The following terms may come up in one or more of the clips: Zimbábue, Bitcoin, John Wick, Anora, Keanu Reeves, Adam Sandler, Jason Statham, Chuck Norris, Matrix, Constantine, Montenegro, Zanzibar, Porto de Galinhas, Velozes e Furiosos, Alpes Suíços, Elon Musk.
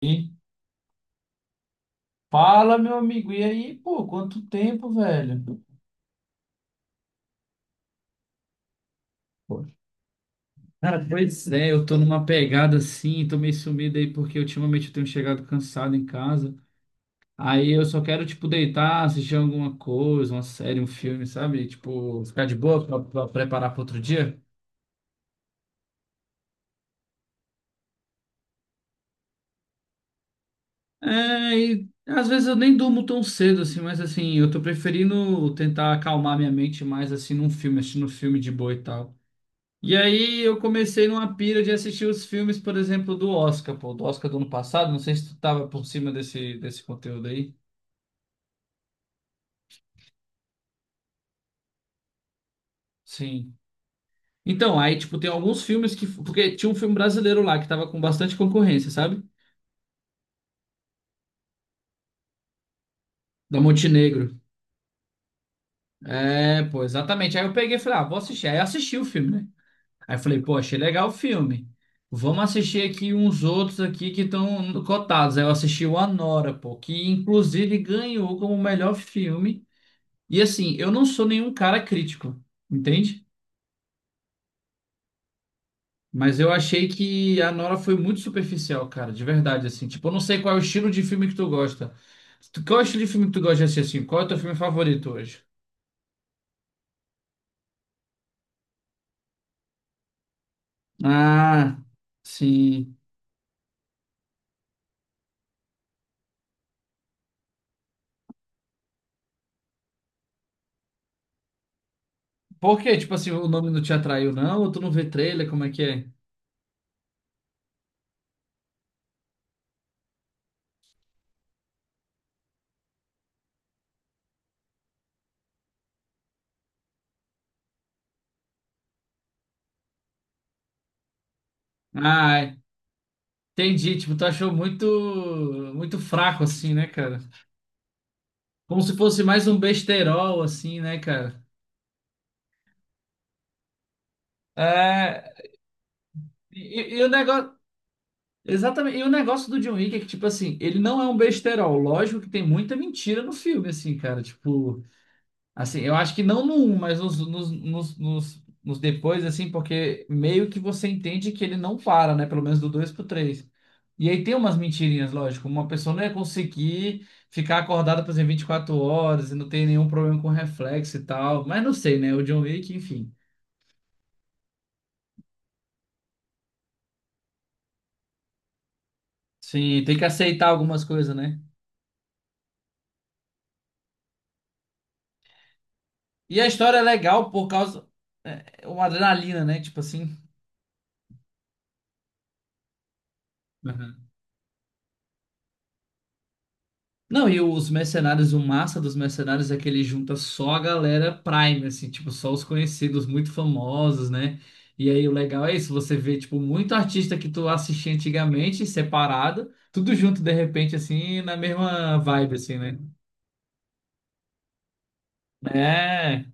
E fala, meu amigo. E aí, pô, quanto tempo, velho? Pô. Cara, pois é, eu tô numa pegada assim, tô meio sumido aí porque ultimamente eu tenho chegado cansado em casa. Aí eu só quero, tipo, deitar, assistir alguma coisa, uma série, um filme, sabe? Tipo, ficar de boa pra preparar para outro dia. É, e às vezes eu nem durmo tão cedo assim, mas assim, eu tô preferindo tentar acalmar minha mente mais assim num filme, assistindo um filme de boa e tal. E aí eu comecei numa pira de assistir os filmes, por exemplo, do Oscar, pô, do Oscar do ano passado. Não sei se tu tava por cima desse conteúdo aí. Sim. Então, aí, tipo, tem alguns filmes que. Porque tinha um filme brasileiro lá que tava com bastante concorrência, sabe? Da Montenegro. É, pô, exatamente. Aí eu peguei e falei, ah, vou assistir. Aí eu assisti o filme, né? Aí eu falei, pô, achei legal o filme. Vamos assistir aqui uns outros aqui que estão cotados. Aí eu assisti o Anora, pô, que inclusive ganhou como melhor filme. E assim, eu não sou nenhum cara crítico, entende? Mas eu achei que a Nora foi muito superficial, cara, de verdade, assim. Tipo, eu não sei qual é o estilo de filme que tu gosta. Qual é o estilo de filme que tu gosta de assistir, assim? Qual é o teu filme favorito hoje? Ah, sim. Por quê? Tipo assim, o nome não te atraiu, não? Ou tu não vê trailer? Como é que é? Ah, é. Entendi. Tipo, tu achou muito, muito fraco, assim, né, cara? Como se fosse mais um besterol, assim, né, cara? É. E o negócio. Exatamente. E o negócio do John Wick é que, tipo assim, ele não é um besterol. Lógico que tem muita mentira no filme, assim, cara. Tipo, assim, eu acho que não no um mas nos depois, assim, porque meio que você entende que ele não para, né? Pelo menos do 2 pro três. E aí tem umas mentirinhas, lógico. Uma pessoa não ia conseguir ficar acordada, por exemplo, 24 horas e não tem nenhum problema com reflexo e tal. Mas não sei, né? O John Wick, enfim. Sim, tem que aceitar algumas coisas, né? E a história é legal por causa. É é uma adrenalina, né? Tipo assim. Uhum. Não, e os mercenários, o massa dos mercenários é que ele junta só a galera Prime, assim, tipo, só os conhecidos, muito famosos, né? E aí o legal é isso, você vê, tipo, muito artista que tu assistia antigamente, separado, tudo junto de repente, assim, na mesma vibe, assim, né? É,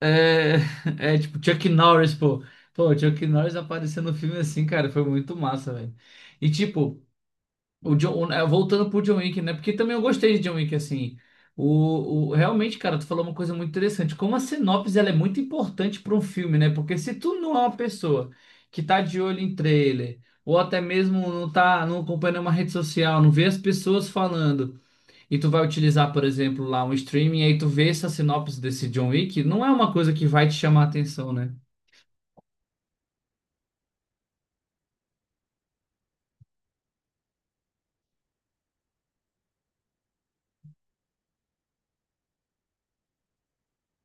é, é tipo Chuck Norris, pô. Pô, Chuck Norris apareceu no filme assim, cara, foi muito massa, velho. E tipo. O John, é, voltando pro John Wick, né? Porque também eu gostei de John Wick, assim. Realmente, cara, tu falou uma coisa muito interessante. Como a sinopse, ela é muito importante para um filme, né? Porque se tu não é uma pessoa que tá de olho em trailer, ou até mesmo não tá, não acompanha uma rede social, não vê as pessoas falando, e tu vai utilizar, por exemplo, lá um streaming, e aí tu vê essa sinopse desse John Wick, não é uma coisa que vai te chamar a atenção, né?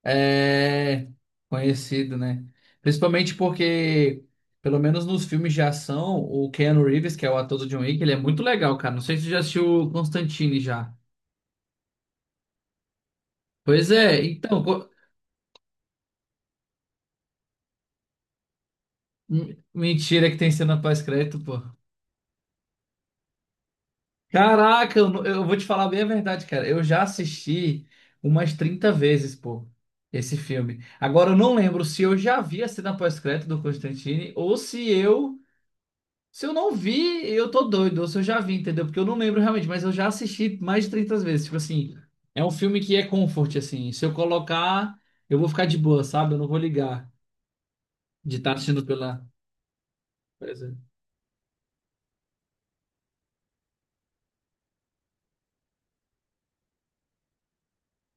É conhecido, né? Principalmente porque, pelo menos nos filmes de ação, o Keanu Reeves, que é o ator do John Wick, ele é muito legal, cara. Não sei se você já assistiu o Constantine já. Pois é, então. Mentira que tem cena pós-crédito, pô. Caraca, eu, não- eu vou te falar bem a verdade, cara. Eu já assisti umas 30 vezes, pô, esse filme. Agora eu não lembro se eu já vi a cena pós-crédito do Constantine ou se eu. Se eu não vi, eu tô doido, ou se eu já vi, entendeu? Porque eu não lembro realmente, mas eu já assisti mais de 30 vezes. Tipo assim, é um filme que é comfort, assim. Se eu colocar, eu vou ficar de boa, sabe? Eu não vou ligar de estar assistindo pela. Pois é.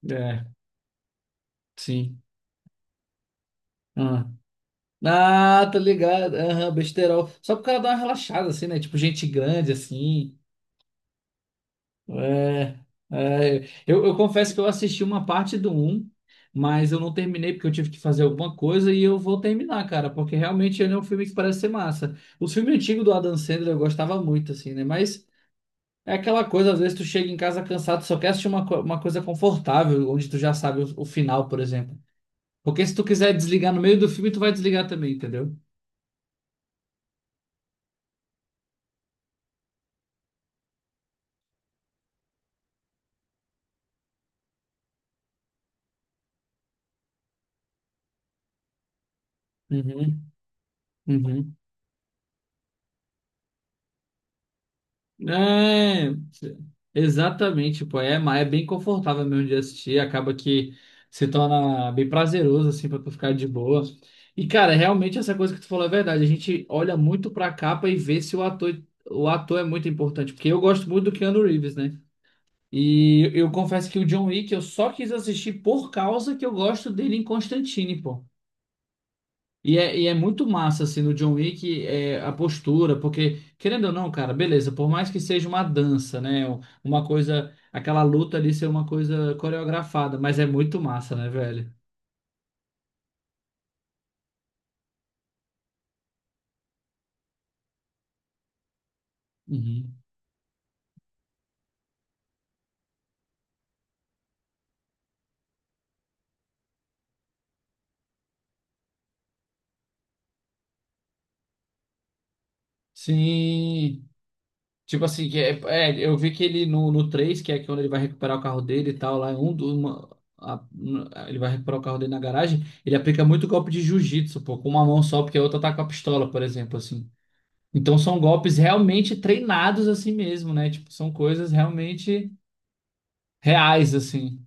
É, sim. Ah. Ah, tá ligado. Aham, besterol. Só pro cara dar uma relaxada, assim, né? Tipo, gente grande, assim. É, é, eu confesso que eu assisti uma parte do um, mas eu não terminei porque eu tive que fazer alguma coisa e eu vou terminar, cara, porque realmente ele é um filme que parece ser massa. Os filmes antigos do Adam Sandler eu gostava muito, assim, né? Mas é aquela coisa, às vezes tu chega em casa cansado, tu só quer assistir uma coisa confortável, onde tu já sabe o final, por exemplo. Porque se tu quiser desligar no meio do filme, tu vai desligar também, entendeu? Uhum, uhum. É, exatamente, pô, é, mas é bem confortável mesmo de assistir, acaba que se torna bem prazeroso, assim, pra tu ficar de boa. E, cara, realmente essa coisa que tu falou é verdade, a gente olha muito pra capa e vê se o ator, o ator é muito importante, porque eu gosto muito do Keanu Reeves, né? E eu confesso que o John Wick eu só quis assistir por causa que eu gosto dele em Constantine, pô. É muito massa, assim, no John Wick, é, a postura, porque, querendo ou não, cara, beleza, por mais que seja uma dança, né? Uma coisa, aquela luta ali ser uma coisa coreografada, mas é muito massa, né, velho? Uhum. Sim. Tipo assim, que é, é, eu vi que ele no, no 3 que é quando ele vai recuperar o carro dele e tal, lá, é um, uma, um, ele vai recuperar o carro dele na garagem, ele aplica muito golpe de jiu-jitsu, pô, com uma mão só, porque a outra tá com a pistola, por exemplo, assim. Então são golpes realmente treinados assim mesmo, né? Tipo, são coisas realmente reais, assim.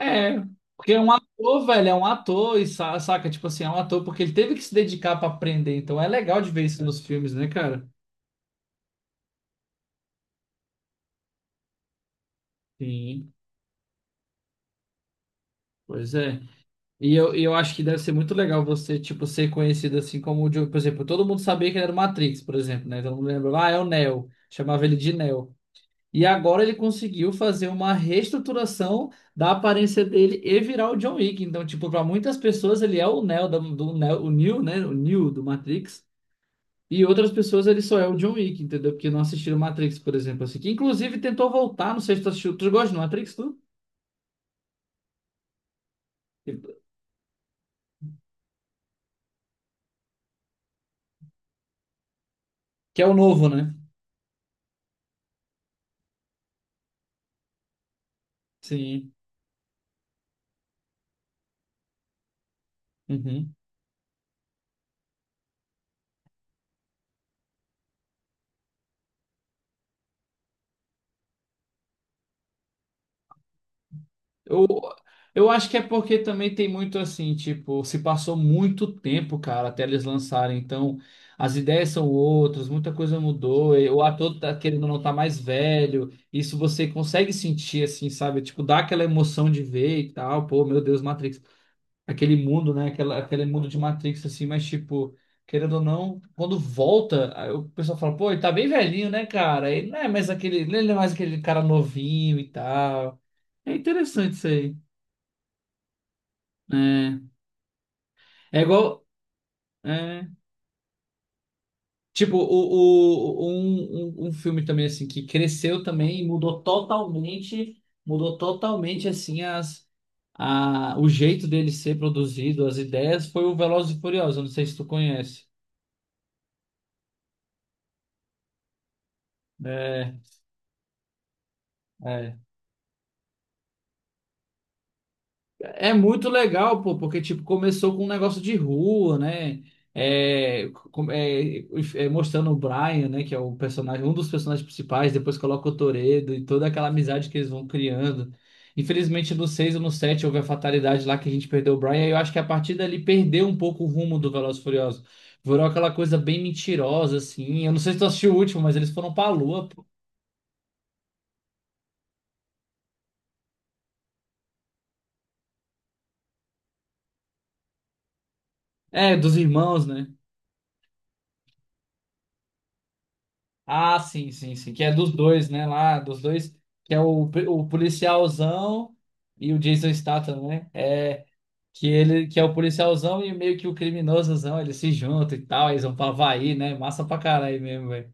É, porque é um ator, velho, é um ator, e saca, tipo assim, é um ator, porque ele teve que se dedicar pra aprender. Então é legal de ver isso nos filmes, né, cara? Sim, pois é. E eu acho que deve ser muito legal você, tipo, ser conhecido assim como o Diogo. Por exemplo, todo mundo sabia que ele era o Matrix, por exemplo, né? Todo mundo lembra, ah, é o Neo. Chamava ele de Neo. E agora ele conseguiu fazer uma reestruturação da aparência dele e virar o John Wick. Então, tipo, para muitas pessoas ele é o Neo do Neo, o Neo, né? O Neo do Matrix. E outras pessoas ele só é o John Wick, entendeu? Porque não assistiram Matrix, por exemplo, assim. Que inclusive tentou voltar, não sei se tu assistiu. Tu gosta do Matrix, tu? Que é o novo, né? Sim. Uhum. Eu, eu acho que é porque também tem muito assim, tipo, se passou muito tempo, cara, até eles lançarem. Então, as ideias são outras, muita coisa mudou. E o ator tá querendo ou não tá mais velho. Isso você consegue sentir, assim, sabe? Tipo, dá aquela emoção de ver e tal. Pô, meu Deus, Matrix. Aquele mundo, né? Aquela, aquele mundo de Matrix, assim, mas tipo. Querendo ou não, quando volta, aí o pessoal fala, pô, ele tá bem velhinho, né, cara? Ele não é mais aquele, ele não é mais aquele cara novinho e tal. É interessante isso aí. É, é igual. É. Tipo, um filme também assim que cresceu também e mudou totalmente assim as, a, o jeito dele ser produzido, as ideias, foi o Velozes e Furiosos. Eu não sei se tu conhece. É, é. É muito legal, pô, porque tipo, começou com um negócio de rua, né? É, com- é, é, mostrando o Brian, né? Que é o personagem, um dos personagens principais, depois coloca o Toredo e toda aquela amizade que eles vão criando. Infelizmente, no 6 ou no 7 houve a fatalidade lá que a gente perdeu o Brian, e eu acho que a partir dali perdeu um pouco o rumo do Velozes e Furiosos. Virou aquela coisa bem mentirosa, assim. Eu não sei se tu assistiu o último, mas eles foram pra lua, pô. É, dos irmãos, né? Ah, sim, sim, sim. Que é dos dois, né? Lá, dos dois. Que é o policialzão e o Jason Statham, né? É, que ele que é o policialzão e meio que o criminosozão. Eles se juntam e tal. Eles vão pra Havaí, né? Massa pra caralho mesmo, velho.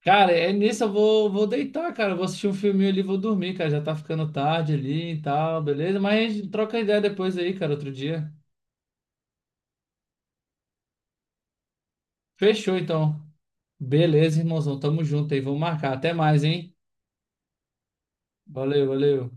Cara, é nisso eu vou, vou deitar, cara. Eu vou assistir um filminho ali, e vou dormir, cara. Já tá ficando tarde ali e tal, beleza? Mas a gente troca ideia depois aí, cara, outro dia. Fechou, então. Beleza, irmãozão. Tamo junto aí. Vamos marcar. Até mais, hein? Valeu, valeu.